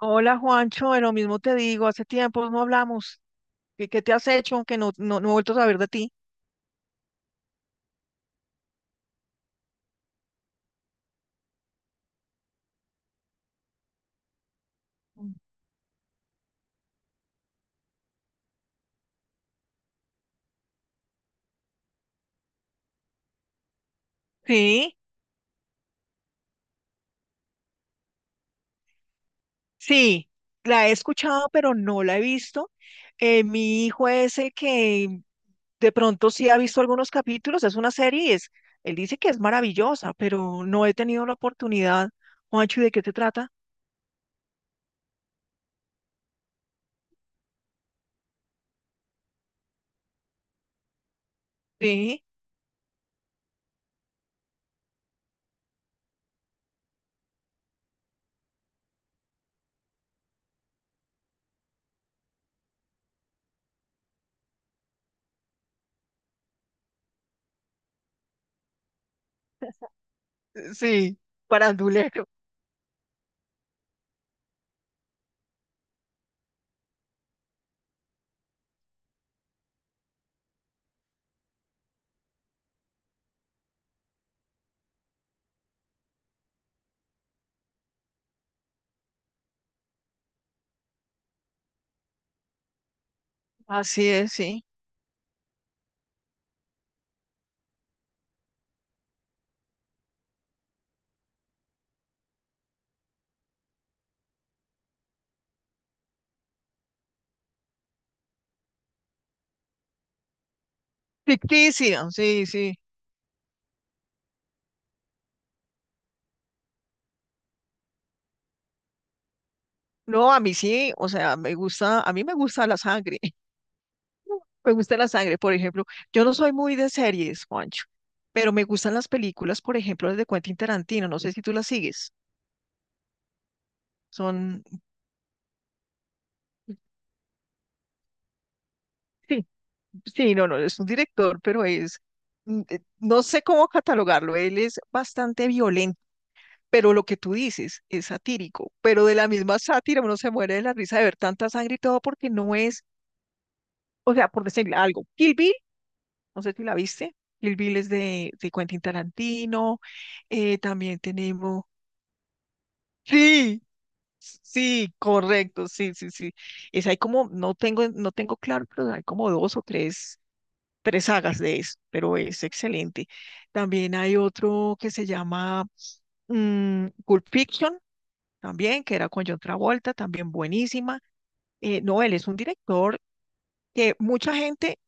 Hola Juancho, de lo mismo te digo, hace tiempo no hablamos. ¿Qué, qué te has hecho? Aunque no, no, no he vuelto a saber de ti. Sí, sí, la he escuchado, pero no la he visto. Mi hijo es el que de pronto sí ha visto algunos capítulos, es una serie, él dice que es maravillosa, pero no he tenido la oportunidad. Juancho, ¿y de qué te trata? Sí, sí, parandulero. Así es, sí. Ficticia, sí, sí. No, a mí sí, o sea, me gusta, a mí me gusta la sangre. Me gusta la sangre, por ejemplo. Yo no soy muy de series, Juancho, pero me gustan las películas, por ejemplo, las de Quentin Tarantino. No sé si tú las sigues. Son, sí, sí, no, no, es un director, pero no sé cómo catalogarlo. Él es bastante violento, pero lo que tú dices es satírico. Pero de la misma sátira uno se muere de la risa de ver tanta sangre y todo porque no es, o sea, por decirle algo. Kill Bill, no sé si la viste. Kill Bill es de Quentin Tarantino. También tenemos... Sí, sí, correcto, sí, sí, sí. Es hay como, no tengo, no tengo claro, pero hay como dos o tres, tres sagas de eso, pero es excelente. También hay otro que se llama Pulp Fiction, también, que era con John Travolta, también buenísima. No, él es un director que mucha gente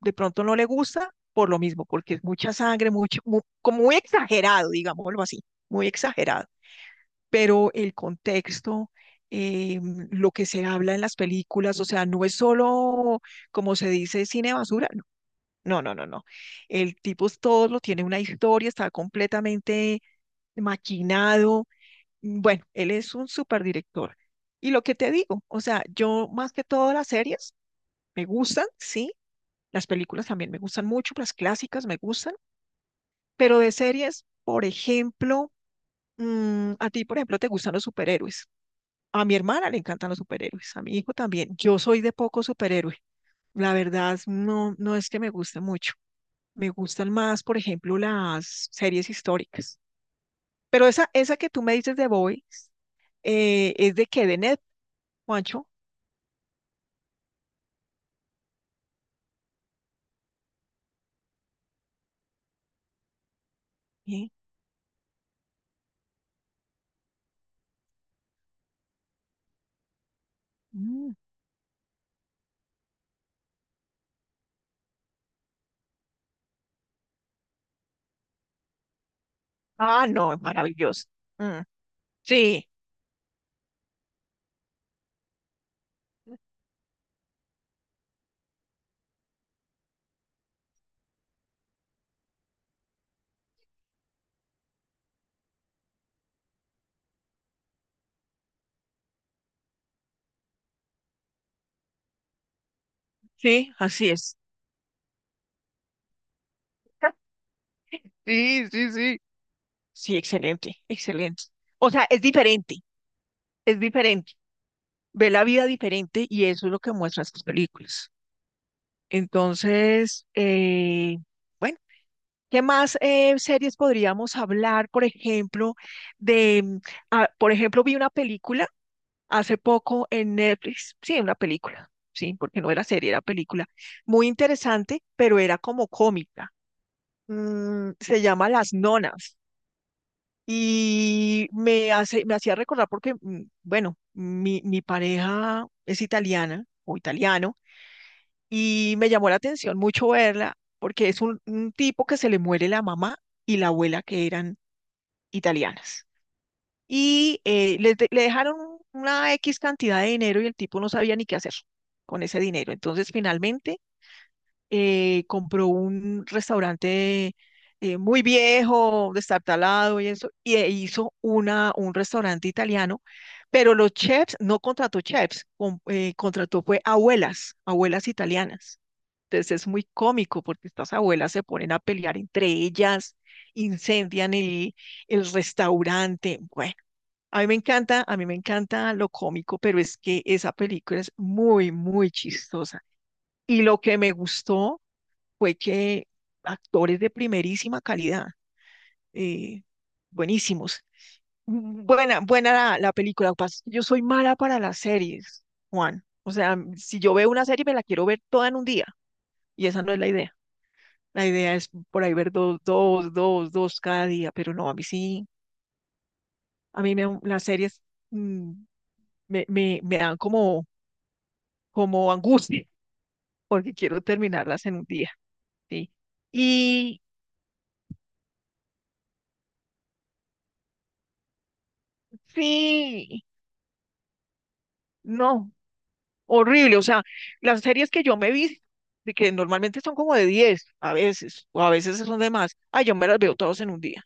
de pronto no le gusta por lo mismo, porque es mucha sangre, como muy exagerado, digámoslo así, muy exagerado, pero el contexto, eh, lo que se habla en las películas, o sea, no es solo, como se dice, cine basura, no, no, no, no, no. El tipo es todo, lo tiene una historia, está completamente maquinado. Bueno, él es un superdirector. Y lo que te digo, o sea, yo más que todas las series me gustan, sí, las películas también me gustan mucho, las clásicas me gustan, pero de series, por ejemplo, a ti, por ejemplo, te gustan los superhéroes. A mi hermana le encantan los superhéroes, a mi hijo también. Yo soy de poco superhéroe. La verdad, no, no es que me guste mucho. Me gustan más, por ejemplo, las series históricas. Pero esa que tú me dices de Boys, es de que de Net, Juancho. Sí. Mm. Ah, no, es maravilloso. Mm. Sí, sí, así es. Sí, sí, sí. Sí, excelente, excelente. O sea, es diferente, es diferente. Ve la vida diferente y eso es lo que muestran sus películas. Entonces, bueno, ¿qué más series podríamos hablar? Por ejemplo, de, mm, ah, por ejemplo, vi una película hace poco en Netflix, sí, una película, sí, porque no era serie, era película, muy interesante, pero era como cómica. Se llama Las Nonas y me hace, me hacía recordar porque, bueno, mi pareja es italiana o italiano. Y me llamó la atención mucho verla porque es un tipo que se le muere la mamá y la abuela que eran italianas. Y le dejaron una X cantidad de dinero y el tipo no sabía ni qué hacer con ese dinero. Entonces, finalmente compró un restaurante muy viejo, destartalado y eso, y e hizo un restaurante italiano, pero los chefs, no contrató chefs, contrató fue abuelas, abuelas italianas. Entonces es muy cómico porque estas abuelas se ponen a pelear entre ellas, incendian el restaurante. Bueno, a mí me encanta, a mí me encanta lo cómico, pero es que esa película es muy, muy chistosa. Y lo que me gustó fue que actores de primerísima calidad, eh, buenísimos. Buena, buena la película. Yo soy mala para las series, Juan. O sea, si yo veo una serie, me la quiero ver toda en un día. Y esa no es la idea. La idea es por ahí ver dos cada día. Pero no, a mí sí, a mí me, las series mm, me dan como, como angustia, porque quiero terminarlas en un día. Sí. Y sí, no, horrible. O sea, las series que yo me vi, de que normalmente son como de 10, a veces, o a veces son de más, ay, yo me las veo todas en un día.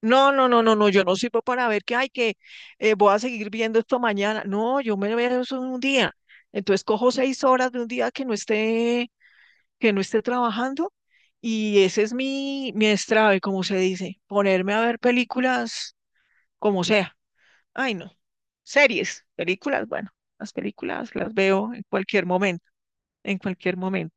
No, no, no, no, no, yo no sirvo para ver que, ay, que voy a seguir viendo esto mañana. No, yo me veo eso en un día. Entonces cojo 6 horas de un día que no esté trabajando y ese es mi, mi estrave, como se dice, ponerme a ver películas como sea. Ay, no, series, películas, bueno, las películas las veo en cualquier momento en cualquier momento.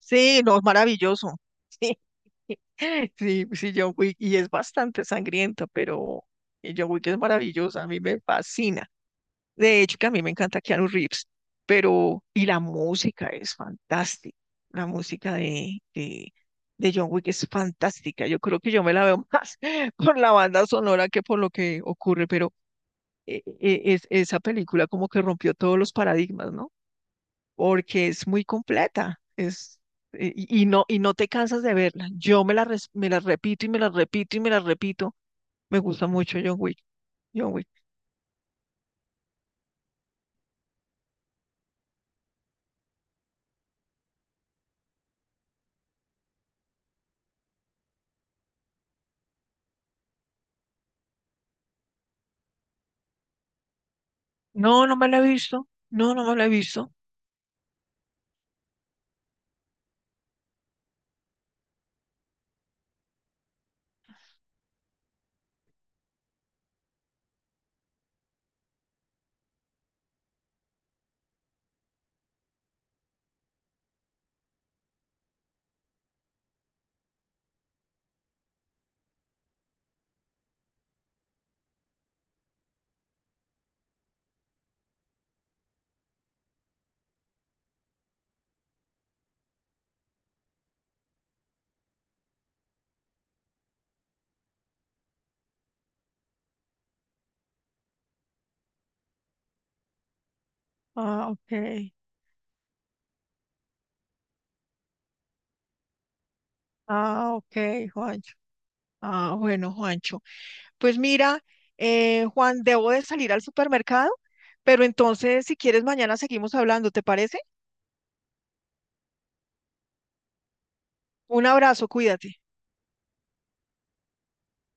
Sí, no, es maravilloso. Sí, sí, sí, John Wick, y es bastante sangrienta, pero John Wick es maravillosa, a mí me fascina. De hecho, que a mí me encanta Keanu Reeves, pero, y la música es fantástica, la música de John Wick es fantástica, yo creo que yo me la veo más por la banda sonora que por lo que ocurre, pero es, esa película como que rompió todos los paradigmas, ¿no? Porque es muy completa, es, y no te cansas de verla. Yo me la, me la repito y me la repito y me la repito. Me gusta mucho John Wick, John Wick. No, no me la he visto. No, no me la he visto. Ah, ok. Ah, ok, Juancho. Ah, bueno, Juancho. Pues mira, Juan, debo de salir al supermercado, pero entonces si quieres mañana seguimos hablando, ¿te parece? Un abrazo, cuídate.